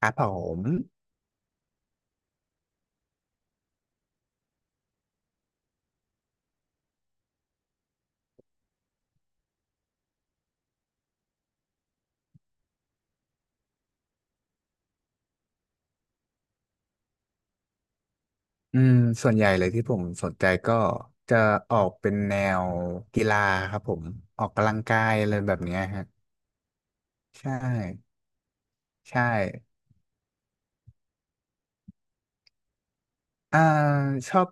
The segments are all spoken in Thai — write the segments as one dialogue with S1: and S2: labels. S1: ครับผมอืมส่วนใหญ่เลยที่ผมสนใจก็จะออกเป็นแนวกีฬาครับผมออกกำลังกายอะไรแบบเนี้ยฮะใช่ใช่อ่าชอบ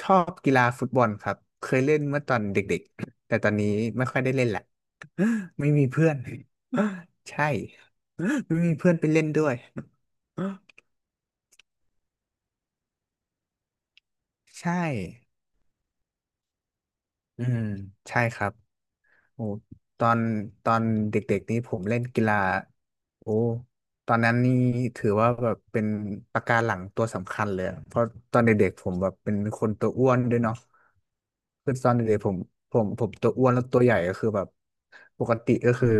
S1: ชอบกีฬาฟุตบอลครับเคยเล่นเมื่อตอนเด็กๆแต่ตอนนี้ไม่ค่อยได้เล่นแหละไม่มีเพื่อน ใช่ไม่มีเพื่อนไปเล่นด้วยใช่อืมใช่ครับ โอ้ตอนตอนเด็กๆนี้ผมเล่นกีฬาโอ้ตอนนั้นนี่ถือว่าแบบเป็นปะการังตัวสำคัญเลยอะเพราะตอนเด็กๆผมแบบเป็นคนตัวอ้วนด้วยเนาะคือตอนเด็กๆผมตัวอ้วนแล้วตัวใหญ่ก็คือแบบปกติก็คือ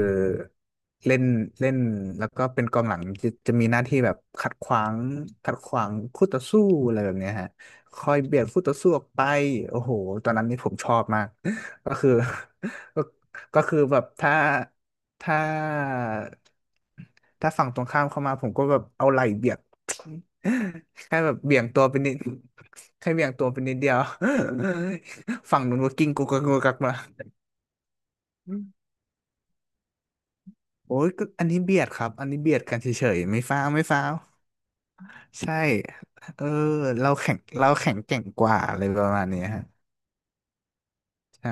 S1: เล่นเล่นแล้วก็เป็นกองหลังจะมีหน้าที่แบบขัดขวางขัดขวางคู่ต่อสู้อะไรแบบเนี้ยฮะคอยเบียดคู่ต่อสู้ออกไปโอ้โหตอนนั้นนี่ผมชอบมากก็คือ ก็ ก็คือแบบถ้าถ้าฝั่งตรงข้ามเข้ามาผมก็แบบเอาไหล่เบียด แค่แบบเบี่ยงตัวไปนิดแค่เบี่ยงตัวไปนิดเดียว ฝั่งนู้นก็กิ้งกุกกักกุกกักมาอืมโอ้ยก็อันนี้เบียดครับอันนี้เบียดกันเฉยๆไม่ฟ้าวไม่ฟ้าวใช่เออเราแข็งแกร่งกว่าอะไรประมาณเนี้ยฮะใช่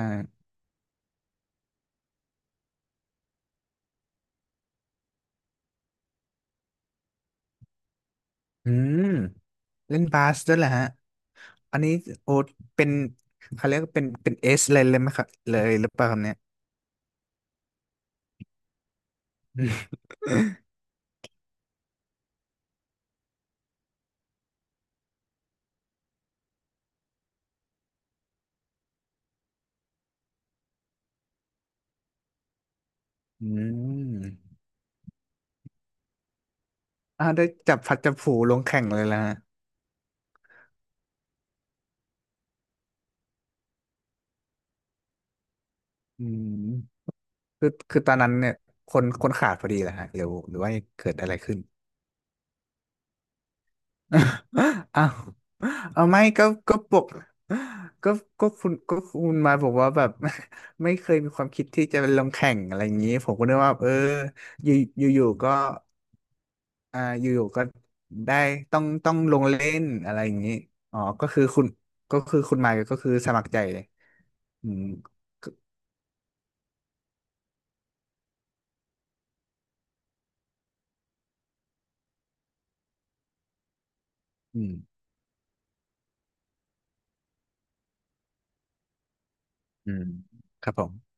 S1: อืม เล่นบาสด้วยแหละฮะ อันนี้โอ้เป็นเขาเรียกว่าเป็นเอสเลยเลยไหมครับเลยหรือเปล่าครับเนี่ยอืม อืมอ่าวได้จับพลัดจับผลูลงแข่งเลยแล้วฮะอืมคือตอนนั้นเนี่ยคนขาดพอดีแหละฮะหรือหรือว่าเกิดอะไรขึ้น อ้าวเอาไม่ก็ปกก็ก็คุณมาบอกว่าแบบ ไม่เคยมีความคิดที่จะไปลงแข่งอะไรอย่างนี้ผมก็นึกว่าเอออยู่อยู่ๆก็ อยู่ๆก็ได้ต้องลงเล่นอะไรอย่างนี้อ๋อก็คือคุณมายก็คือสมัครใจเลยอืมก็อืมอืมครับผม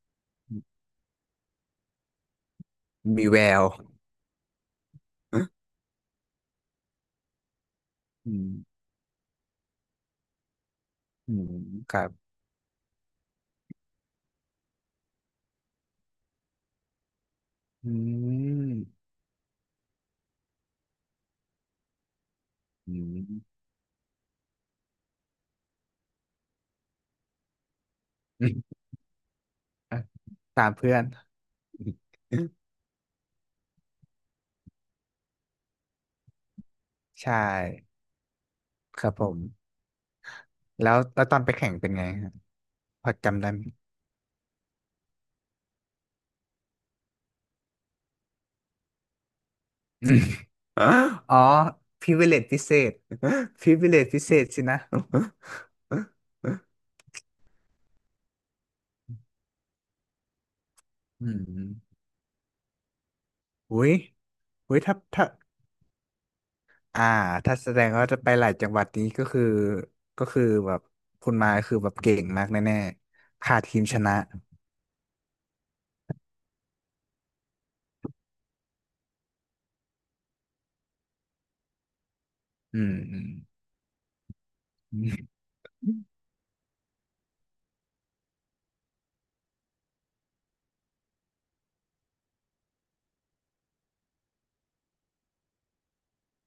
S1: มีแววอืมอืมครับอืมอืมอืมอ่ะตามเพื่อน ใช่ครับผมแล้วตอนไปแข่งเป็นไงฮะพอจำได้ไหม อ๋อพิเวเลตพิเศษ พิเวเลตพิเศษสินะ อืม อุ้ยถ้าอ่าถ้าแสดงว่าจะไปหลายจังหวัดนี้ก็คือก็คือแบบคุณมายคือแบบเก่งมากแน่ๆขาดทีมชนะอืมอืมอืม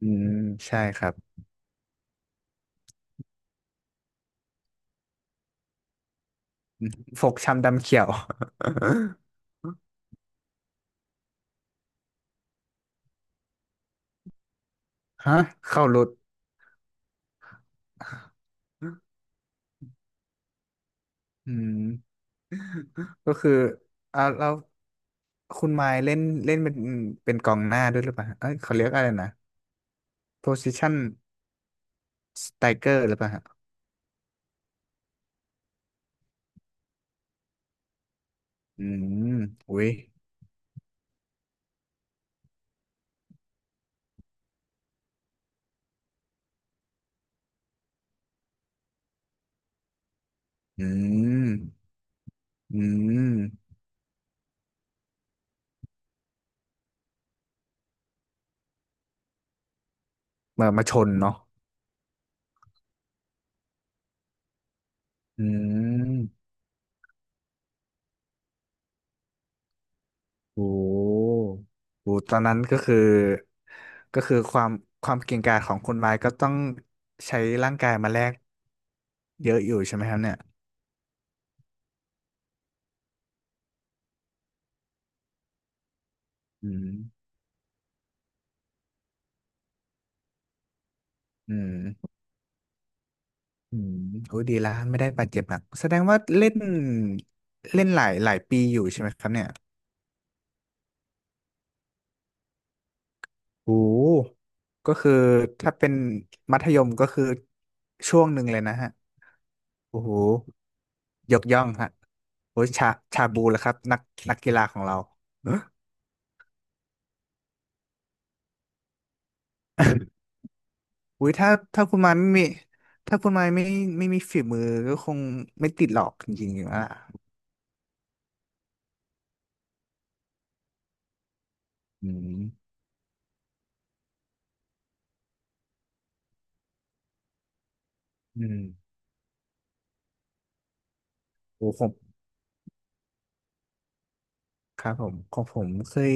S1: อืม ใช่ครับ ฟกช้ำดำเขียว ฮะเข้ารุด อืม ก็คือแล้วคุณมายเล่นเล่นเป็นกองหน้าด้วยหรือเปล่าฮะเอ้ยเขาเรียกอะไรนะ position striker หรือเปล่าฮะอืมอุ้ยอืม อืม มาชนเนาะอืมโอ้โหตอนนั้นก็คือก็คือความความเก่งกาจของคุณไม้ก็ต้องใช้ร่างกายมาแลกเยอะอยู่ใช่ไหมครับเนี่ยอืมอืมอืมโอ้ยดีละไม่ได้บาดเจ็บหนักแสดงว่าเล่นเล่นหลายปีอยู่ใช่ไหมครับเนี่ยโอ้โหก็คือถ้าเป็นมัธยมก็คือช่วงหนึ่งเลยนะฮะโอ้โห ยกย่องฮะโอ้ยชาบูแหละครับนักกีฬาของเราเอออุ้ยถ้าถ้าคุณมันไม่มีถ้าคุณมันไม่มีฝีมือก็คงไม่ติดหรอกจริงๆอ่ะอืมอืมโอ้ผมครับผมของผมเคย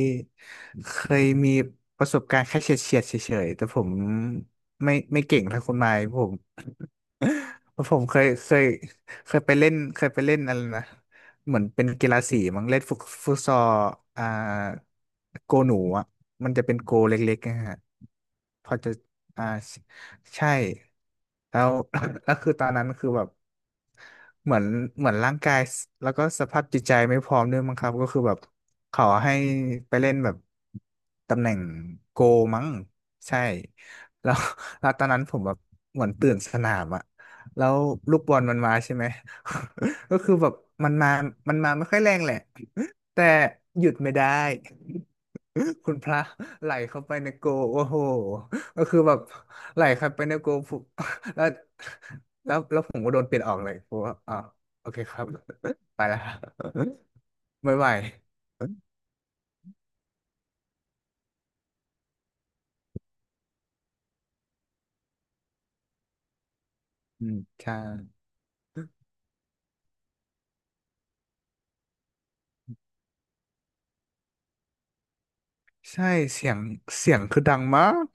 S1: เคยมีประสบการณ์แค่เฉียดเฉียดเฉยๆแต่ผมไม่เก่งเท่าคุณไม้ผม ผมเคยไปเล่นอะไรนะเหมือนเป็นกีฬาสีมั้งเล่นฟุตซอลอ่าโกหนูอ่ะมันจะเป็นโกเล็กๆนะฮะพอจะอ่าใช่แล้ว แล้วคือตอนนั้นคือแบบเหมือนเหมือนร่างกายแล้วก็สภาพจิตใจไม่พร้อมด้วยมั้งครับก็คือแบบขอให้ไปเล่นแบบตำแหน่งโกมั้งใช่แล้ว แล้วตอนนั้นผมแบบเหมือนตื่นสนามอะ แล้วลูกบอลมันมาใช่ไหม ก็คือแบบมันมามันมาไม่ค่อยแรงแหละ แต่หยุดไม่ได้ คุณพระไหลเข้าไปในโกลโอ้โหก็คือแบบไหลเข้าไปในโกล ปุ๊บ แล้วแล้วผมก็โดนเปลี่ยนออกเลยผมว่าอ๋อโอเคครับ ไปแล้ว ไม่ไหวอืมใช่ใช่เสียงเสียงคือดังมาก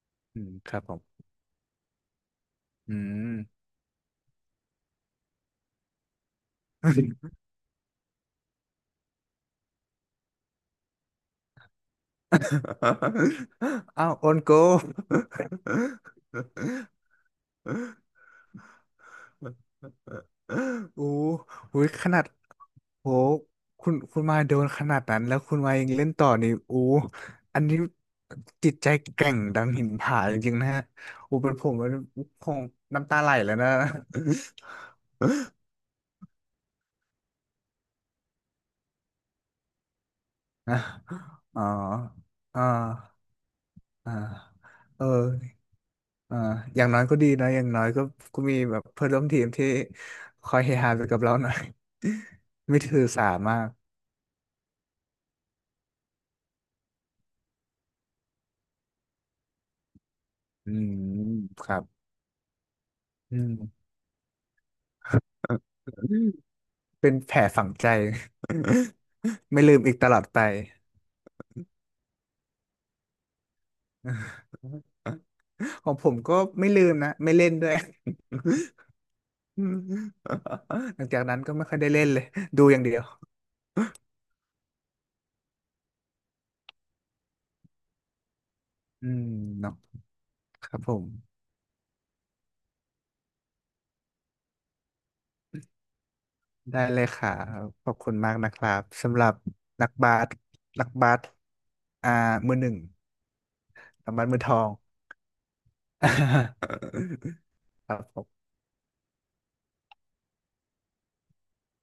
S1: อืมครับผมอืม อ้าวโอนโก โอ้โหขนาดโหคุณมาโดนขนาดนั้นแล้วคุณมายังเล่นต่อนี่โอ้อันนี้จิตใจแกร่งดังหินผาจริงๆนะฮะโอ้เป็นผมมันคงน้ำตาไหลแล้วนะ อ๋ออ่าอ่าเออ อ่าอย่างน้อยก็ดีนะอย่างน้อยก็ก็มีแบบเพื่อนร่วมทีมที่คอยเฮฮาไปกับเราหน่อย ไม่ถือสามากอืมครับอืมเป็นแผลฝังใจ ไม่ลืมอีกตลอดไปของผมก็ไม่ลืมนะไม่เล่นด้วย อืมหลังจากนั้นก็ไม่ค่อยได้เล่นเลยดูอย่างเดียวอืมเนาะครับผมได้เลยค่ะขอบคุณมากนะครับสำหรับนักบาสนักบาสอ่ามือหนึ่ง กำมันมือทอง ครับผม